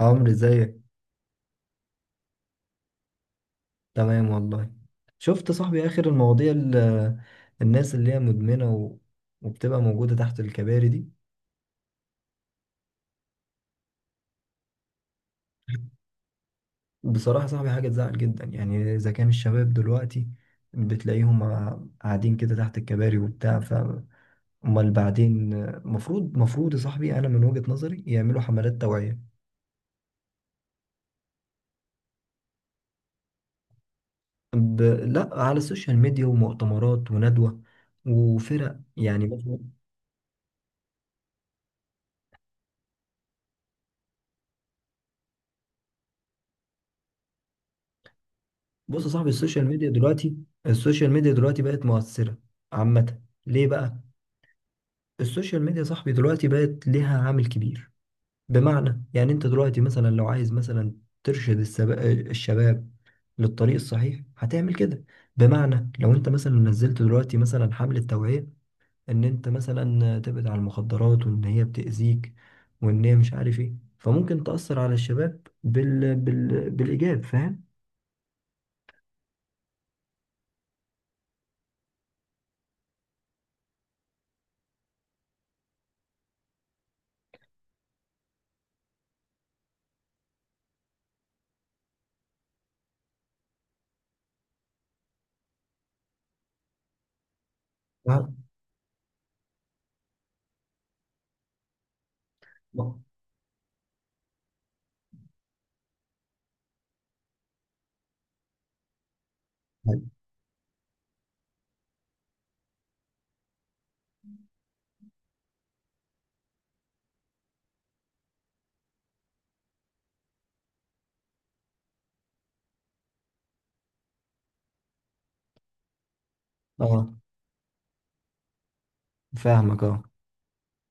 عمرو، ازيك؟ تمام والله. شفت صاحبي اخر المواضيع الناس اللي هي مدمنة و... وبتبقى موجودة تحت الكباري دي. بصراحة صاحبي حاجة تزعل جدا، يعني اذا كان الشباب دلوقتي بتلاقيهم قاعدين كده تحت الكباري وبتاع، ف امال بعدين؟ مفروض يا صاحبي، انا من وجهة نظري يعملوا حملات توعية. لا، على السوشيال ميديا ومؤتمرات وندوة وفرق يعني. بص يا صاحبي، السوشيال ميديا دلوقتي بقت مؤثرة عامة. ليه بقى؟ السوشيال ميديا يا صاحبي دلوقتي بقت ليها عامل كبير، بمعنى يعني انت دلوقتي مثلا لو عايز مثلا ترشد الشباب للطريق الصحيح هتعمل كده. بمعنى لو انت مثلا نزلت دلوقتي مثلا حملة توعية ان انت مثلا تبعد عن المخدرات، وان هي بتأذيك، وان هي مش عارف ايه، فممكن تأثر على الشباب بالإيجاب. فاهم؟ اه. اه. فاهمك، اه.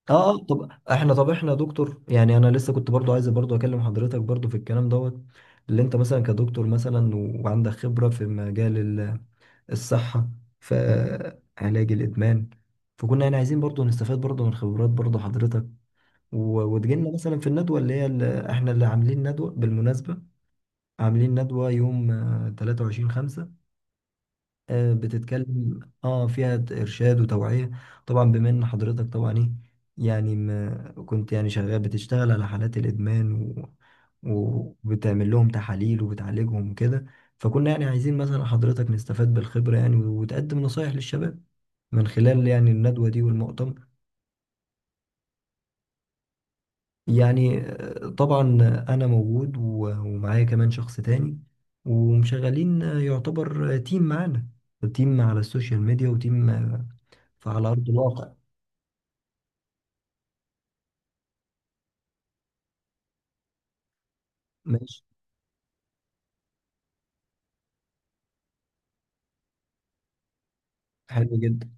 اه، آه، طب احنا يا دكتور، يعني انا لسه كنت برضو عايز برضو اكلم حضرتك برضو في الكلام دوت اللي انت مثلا كدكتور مثلا و- وعندك خبرة في مجال الصحة في علاج الادمان. فكنا يعني عايزين برضو نستفاد برضو من خبرات برضو حضرتك، و- وتجيلنا مثلا في الندوة اللي هي اللي احنا اللي عاملين ندوة بالمناسبة. عاملين ندوة يوم 23 5، بتتكلم فيها ارشاد وتوعية، طبعا بما ان حضرتك طبعا ايه يعني ما كنت يعني شغال بتشتغل على حالات الادمان، و... وبتعمل لهم تحاليل وبتعالجهم وكده. فكنا يعني عايزين مثلا حضرتك نستفاد بالخبرة يعني، وتقدم نصايح للشباب من خلال يعني الندوة دي والمؤتمر. يعني طبعا انا موجود و- ومعايا كمان شخص تاني، ومشغلين يعتبر تيم معانا، تيم على السوشيال ميديا وتيم فعلى أرض الواقع. ماشي. حلو جدا.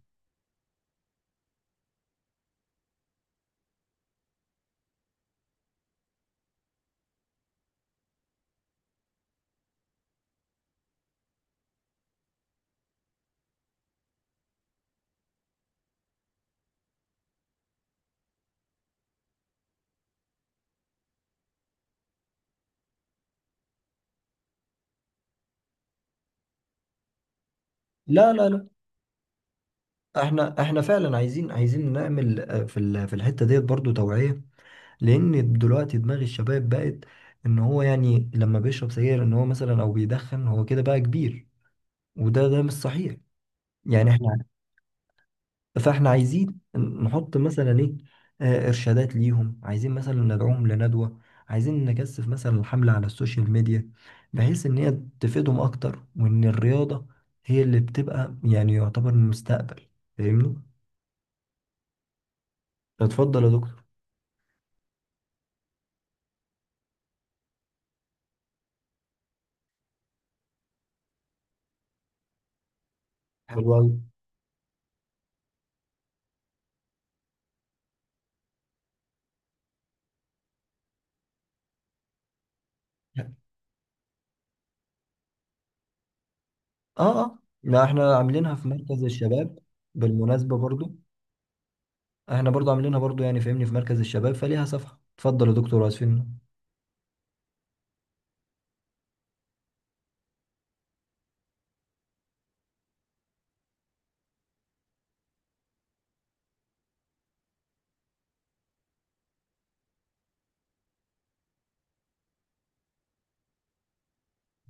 لا، لا، لا، احنا فعلا عايزين نعمل في في الحته ديت برضو توعيه، لان دلوقتي دماغ الشباب بقت ان هو يعني لما بيشرب سجاير ان هو مثلا او بيدخن هو كده بقى كبير، وده مش صحيح يعني. احنا فاحنا عايزين نحط مثلا ايه، ارشادات ليهم، عايزين مثلا ندعوهم لندوة، عايزين نكثف مثلا الحملة على السوشيال ميديا، بحيث ان هي تفيدهم اكتر، وان الرياضة هي اللي بتبقى يعني يعتبر المستقبل. فاهمني؟ اتفضل يا دكتور. حلو أوي. اه، اه، لا، احنا عاملينها في مركز الشباب بالمناسبة برضو. احنا برضو عاملينها برضو يعني، فاهمني، في مركز الشباب فليها صفحة. اتفضل يا دكتور، اسفين.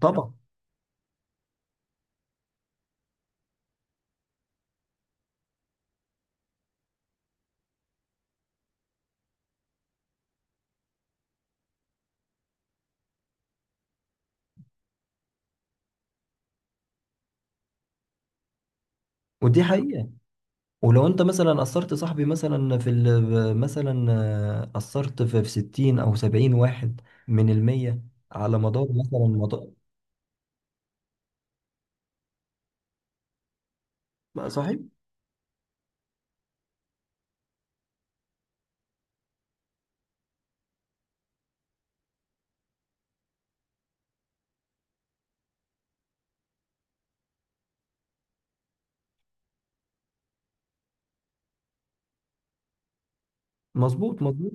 طبعا. ودي حقيقة، ولو انت مثلا اثرت صاحبي مثلا في مثلا اثرت في 60 او 70 واحد من المية، على مدار مثلا مدار. صحيح. مظبوط.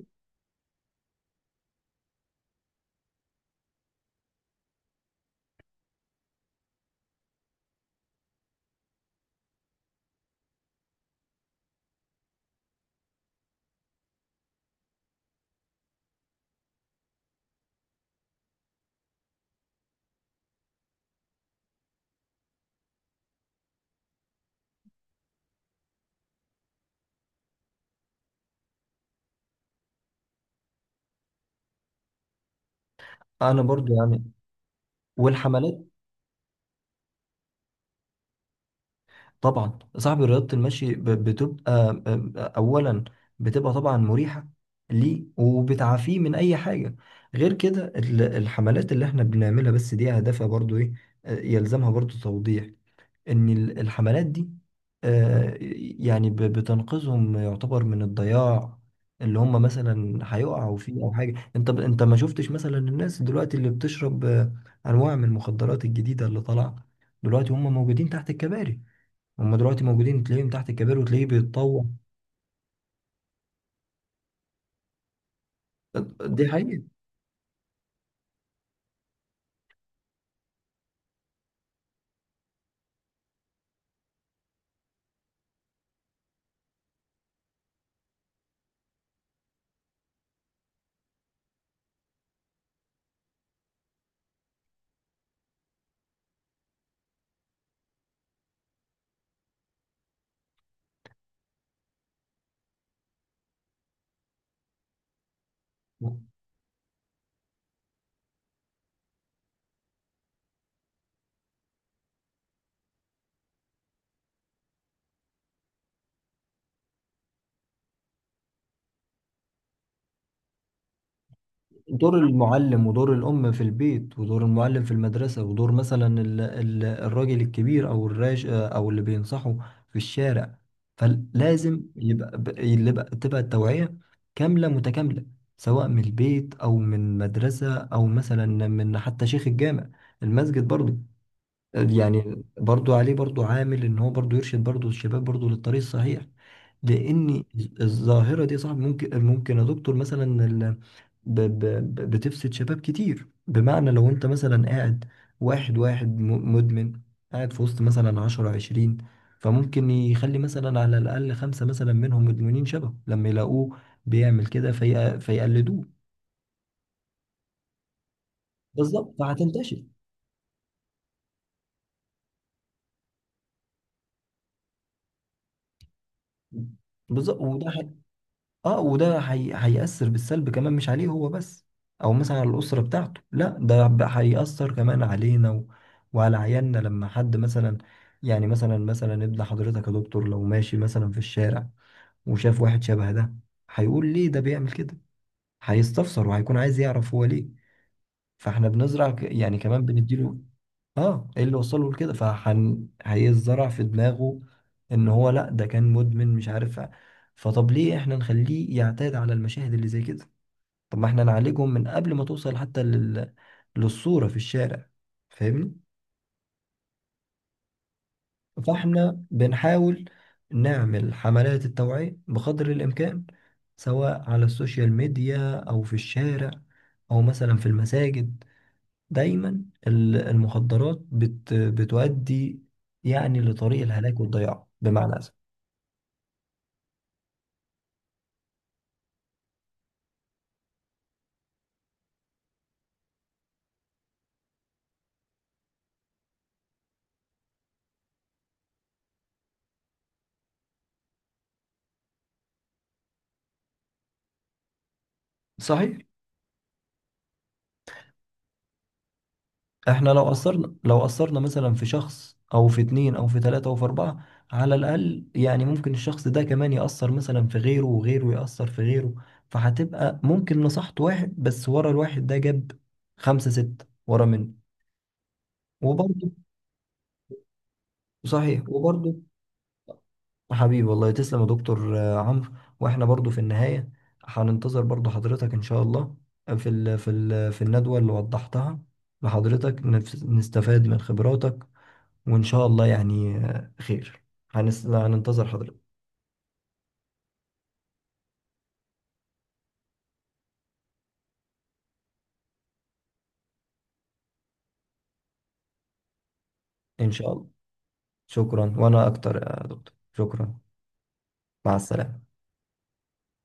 انا برضو يعني والحملات، طبعا صاحبي رياضة المشي بتبقى اولا بتبقى طبعا مريحة ليه، وبتعافيه من اي حاجة. غير كده، الحملات اللي احنا بنعملها بس دي هدفها برضو ايه؟ يلزمها برضو توضيح، ان الحملات دي آه، يعني بتنقذهم يعتبر من الضياع اللي هم مثلا هيقعوا فيه، او حاجه. انت انت ما شفتش مثلا الناس دلوقتي اللي بتشرب انواع من المخدرات الجديده اللي طالعه دلوقتي؟ هم موجودين تحت الكباري، هم دلوقتي موجودين تلاقيهم تحت الكباري وتلاقيه بيتطوع. دي حقيقة. دور المعلم، ودور الأم في البيت، ودور المعلم في المدرسة، ودور مثلا الراجل الكبير، أو اللي بينصحه في الشارع. فلازم يبقى اللي بقى تبقى التوعية كاملة متكاملة، سواء من البيت، أو من مدرسة، أو مثلا من حتى شيخ الجامع، المسجد برضو، يعني برضو عليه برضو عامل ان هو برضو يرشد برضو الشباب برضو للطريق الصحيح. لان الظاهره دي صعب، ممكن يا دكتور مثلا بتفسد شباب كتير. بمعنى لو انت مثلا قاعد، واحد مدمن قاعد في وسط مثلا عشرة عشرين، فممكن يخلي مثلا على الأقل خمسة مثلا منهم مدمنين شبه، لما يلاقوه بيعمل كده فيقلدوه. بالظبط فهتنتشر. بالظبط. وده هيأثر بالسلب كمان، مش عليه هو بس، او مثلا على الأسرة بتاعته. لا، ده هيأثر كمان علينا و... وعلى عيالنا، لما حد مثلا يعني مثلا ابن حضرتك يا دكتور لو ماشي مثلا في الشارع وشاف واحد شبه ده، هيقول ليه ده بيعمل كده؟ هيستفسر وهيكون عايز يعرف هو ليه. فاحنا بنزرع يعني كمان بنديله. اه، ايه اللي وصله لكده. فحن هيزرع في دماغه ان هو لا، ده كان مدمن مش عارف. فطب ليه احنا نخليه يعتاد على المشاهد اللي زي كده؟ طب ما احنا نعالجهم من قبل ما توصل حتى للصورة في الشارع. فاهمني؟ فاحنا بنحاول نعمل حملات التوعية بقدر الامكان، سواء على السوشيال ميديا، او في الشارع، او مثلا في المساجد. دايما المخدرات بتؤدي يعني لطريق الهلاك والضياع، بمعنى أسف. صحيح. احنا لو أثرنا مثلا في شخص، أو في اتنين، أو في تلاتة، أو في أربعة، على الأقل يعني، ممكن الشخص ده كمان يأثر مثلا في غيره، وغيره يأثر في غيره، فهتبقى ممكن نصحت واحد بس، ورا الواحد ده جاب خمسة ستة ورا منه. وبرضه صحيح. وبرضه حبيبي والله، تسلم يا دكتور. عمرو، واحنا برضو في النهاية هننتظر برضو حضرتك ان شاء الله، في الندوة اللي وضحتها لحضرتك، نستفاد من خبراتك، وان شاء الله يعني خير. هننتظر حضرتك ان شاء الله. شكرا. وانا اكتر يا دكتور. شكرا. مع السلامة.